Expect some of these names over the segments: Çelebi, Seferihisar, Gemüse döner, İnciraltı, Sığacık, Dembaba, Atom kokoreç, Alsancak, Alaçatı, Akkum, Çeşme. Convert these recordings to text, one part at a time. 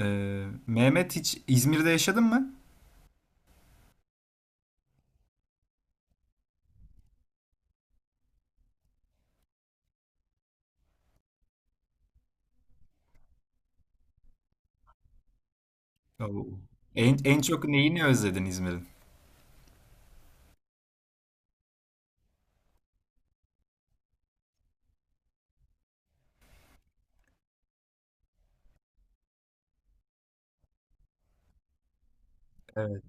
Mehmet hiç İzmir'de yaşadın mı? Oo. En çok neyini özledin İzmir'in? Evet.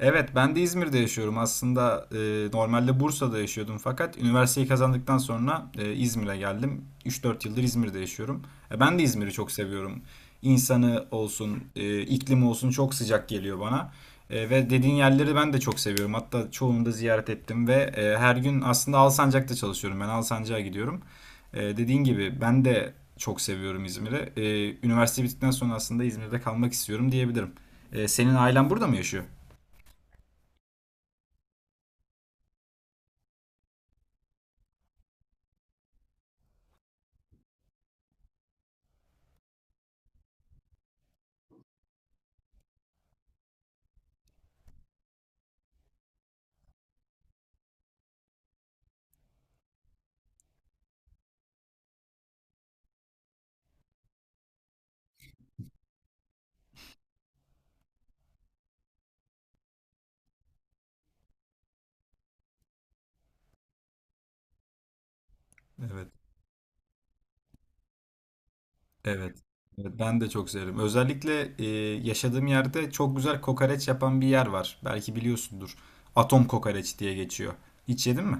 Evet, ben de İzmir'de yaşıyorum. Aslında normalde Bursa'da yaşıyordum fakat üniversiteyi kazandıktan sonra İzmir'e geldim. 3-4 yıldır İzmir'de yaşıyorum. Ben de İzmir'i çok seviyorum. İnsanı olsun, iklimi olsun çok sıcak geliyor bana. Ve dediğin yerleri ben de çok seviyorum. Hatta çoğunu da ziyaret ettim ve her gün aslında Alsancak'ta çalışıyorum. Ben Alsancak'a gidiyorum. Dediğin gibi ben de çok seviyorum İzmir'i. Üniversite bittikten sonra aslında İzmir'de kalmak istiyorum diyebilirim. Senin ailen burada mı yaşıyor? Evet, evet. Evet, ben de çok severim. Özellikle yaşadığım yerde çok güzel kokoreç yapan bir yer var. Belki biliyorsundur. Atom kokoreç diye geçiyor. Hiç yedin mi?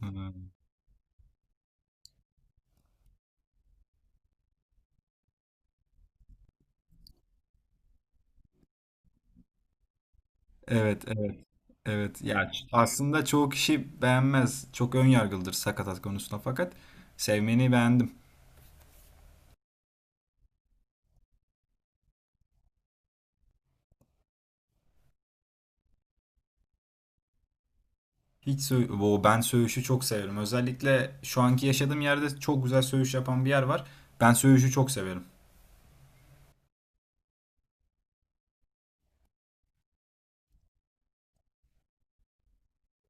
Hmm. Evet, evet. Evet. Ya aslında çoğu kişi beğenmez. Çok ön yargılıdır sakatat konusunda fakat sevmeni beğendim. Hiç sö Oo, ben söğüşü çok severim. Özellikle şu anki yaşadığım yerde çok güzel söğüş yapan bir yer var. Ben söğüşü çok severim.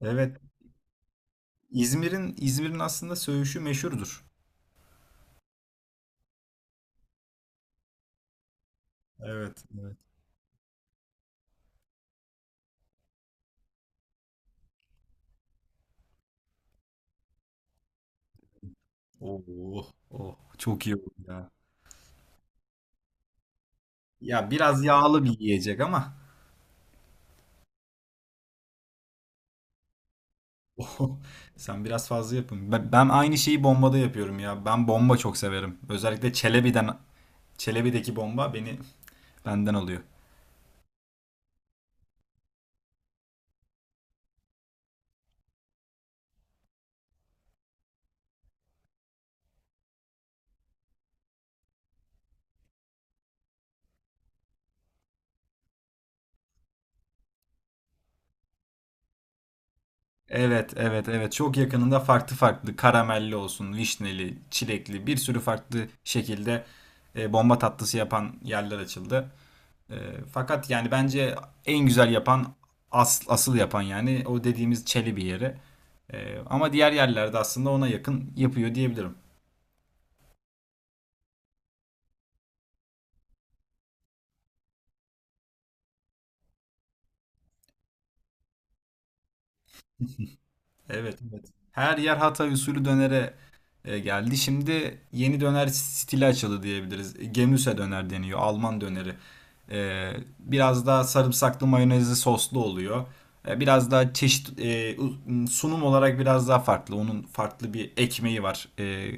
Evet. İzmir'in aslında söğüşü meşhurdur. Evet, evet. Oh, oh. Çok iyi oldu ya. Ya biraz yağlı bir yiyecek ama. Oh, sen biraz fazla yapın. Ben aynı şeyi bombada yapıyorum ya. Ben bomba çok severim. Özellikle Çelebi'deki bomba beni benden alıyor. Evet, evet, evet. Çok yakınında farklı farklı karamelli olsun, vişneli, çilekli bir sürü farklı şekilde bomba tatlısı yapan yerler açıldı. E, fakat yani bence en güzel yapan asıl yapan yani o dediğimiz Çelebi yeri. Ama diğer yerlerde aslında ona yakın yapıyor diyebilirim. Evet, evet. Her yer Hatay usulü dönere geldi. Şimdi yeni döner stili açıldı diyebiliriz. Gemüse döner deniyor, Alman döneri. Ee, biraz daha sarımsaklı mayonezli soslu oluyor. Biraz daha çeşit sunum olarak biraz daha farklı. Onun farklı bir ekmeği var. Ee,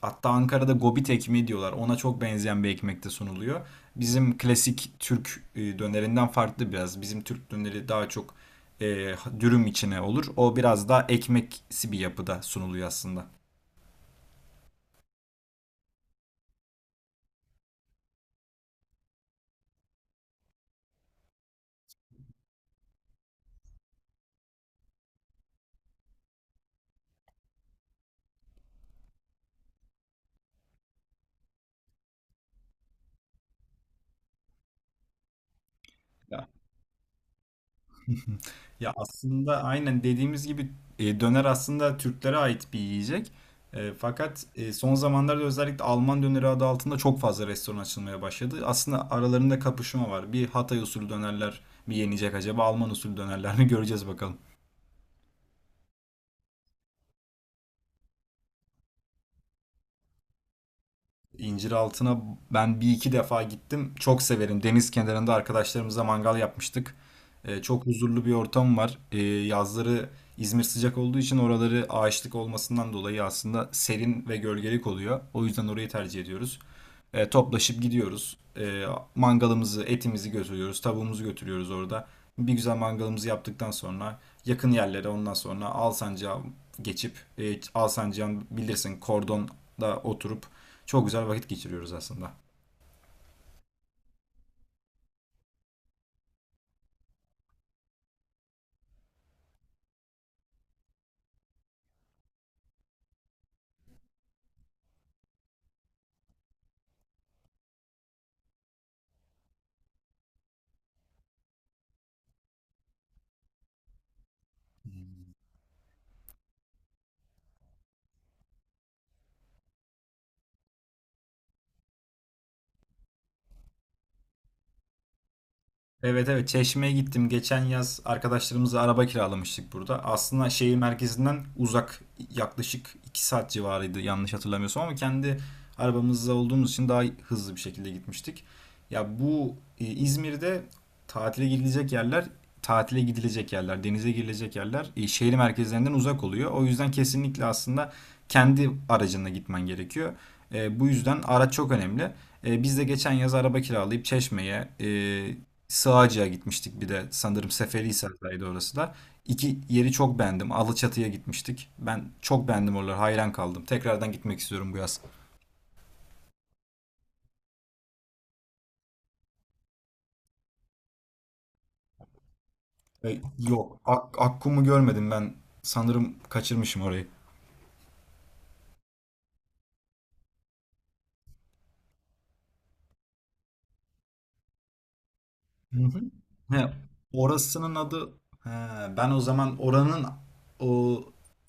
Hatta Ankara'da gobit ekmeği diyorlar. Ona çok benzeyen bir ekmekte sunuluyor. Bizim klasik Türk dönerinden farklı biraz. Bizim Türk döneri daha çok e, dürüm içine olur. O biraz daha ekmeksi bir yapıda sunuluyor aslında. Ya, ya aslında aynen dediğimiz gibi döner aslında Türklere ait bir yiyecek. Fakat son zamanlarda özellikle Alman döneri adı altında çok fazla restoran açılmaya başladı. Aslında aralarında kapışma var. Bir Hatay usulü dönerler mi yenecek acaba? Alman usulü dönerler mi göreceğiz bakalım. İnciraltı'na ben bir iki defa gittim. Çok severim. Deniz kenarında arkadaşlarımızla mangal yapmıştık. Çok huzurlu bir ortam var. Yazları İzmir sıcak olduğu için oraları ağaçlık olmasından dolayı aslında serin ve gölgelik oluyor. O yüzden orayı tercih ediyoruz. Toplaşıp gidiyoruz. Mangalımızı, etimizi götürüyoruz. Tavuğumuzu götürüyoruz orada. Bir güzel mangalımızı yaptıktan sonra yakın yerlere ondan sonra Alsancak'a geçip Alsancak'ın bilirsin kordonda oturup çok güzel vakit geçiriyoruz aslında. Evet evet, Çeşme'ye gittim. Geçen yaz arkadaşlarımızla araba kiralamıştık burada. Aslında şehir merkezinden uzak yaklaşık 2 saat civarıydı yanlış hatırlamıyorsam ama kendi arabamızda olduğumuz için daha hızlı bir şekilde gitmiştik. Ya bu İzmir'de tatile gidilecek yerler, tatile gidilecek yerler, denize girilecek yerler şehir merkezlerinden uzak oluyor. O yüzden kesinlikle aslında kendi aracınla gitmen gerekiyor. Bu yüzden araç çok önemli. Biz de geçen yaz araba kiralayıp Çeşme'ye, Sığacıya gitmiştik, bir de sanırım Seferihisar'daydı orası da. İki yeri çok beğendim. Alaçatı'ya gitmiştik. Ben çok beğendim oraları. Hayran kaldım. Tekrardan gitmek istiyorum bu yaz. Yok. Akkum'u görmedim ben. Sanırım kaçırmışım orayı. Hı hı. He, orasının adı... He, ben o zaman oranın o,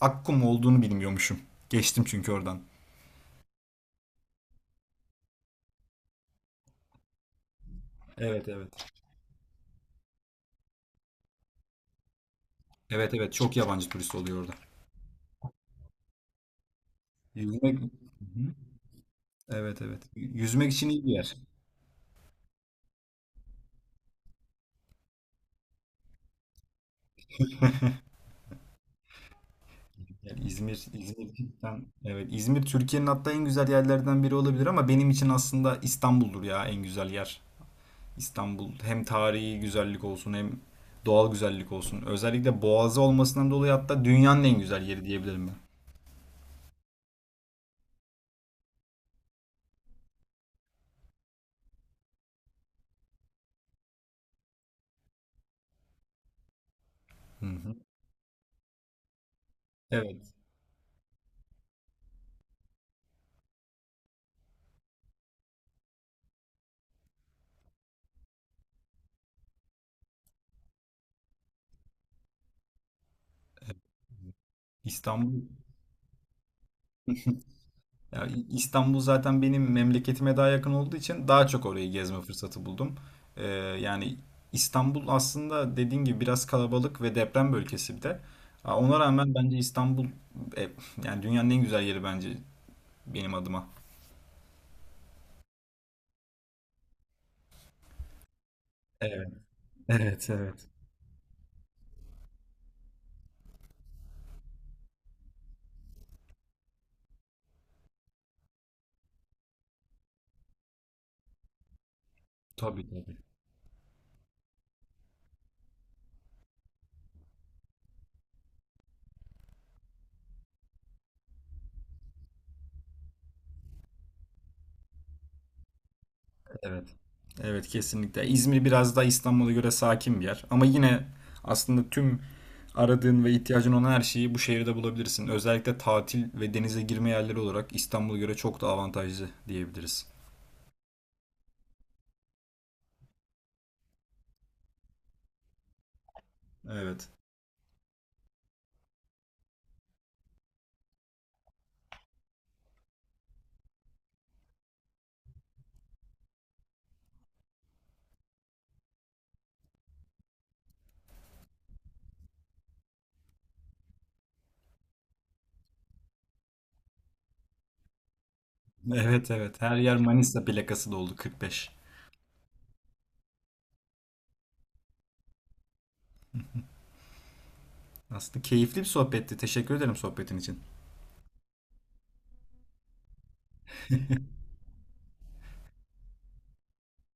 Akkum olduğunu bilmiyormuşum. Geçtim çünkü oradan. Evet evet. Evet evet, çok yabancı turist oluyor orada. Yüzmek... Hı hı. Evet evet. Yüzmek için iyi bir yer. Yani İzmir cidden, evet, İzmir Türkiye'nin hatta en güzel yerlerden biri olabilir ama benim için aslında İstanbul'dur ya en güzel yer. İstanbul hem tarihi güzellik olsun hem doğal güzellik olsun. Özellikle Boğazı olmasından dolayı hatta dünyanın en güzel yeri diyebilirim ben. Hı hı. Evet. İstanbul. Ya İstanbul zaten benim memleketime daha yakın olduğu için daha çok orayı gezme fırsatı buldum. Ee, yani İstanbul aslında dediğin gibi biraz kalabalık ve deprem bölgesi bir de. Aa, ona rağmen bence İstanbul e, yani dünyanın en güzel yeri bence benim adıma. Evet, evet, evet. Tabii tabii. Evet. Evet, kesinlikle. İzmir biraz daha İstanbul'a göre sakin bir yer. Ama yine aslında tüm aradığın ve ihtiyacın olan her şeyi bu şehirde bulabilirsin. Özellikle tatil ve denize girme yerleri olarak İstanbul'a göre çok daha avantajlı diyebiliriz. Evet. Evet evet. Her yer Manisa plakası doldu, 45. Aslında keyifli bir sohbetti. Teşekkür ederim sohbetin için.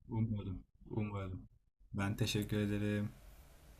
Umarım. Umarım. Ben teşekkür ederim.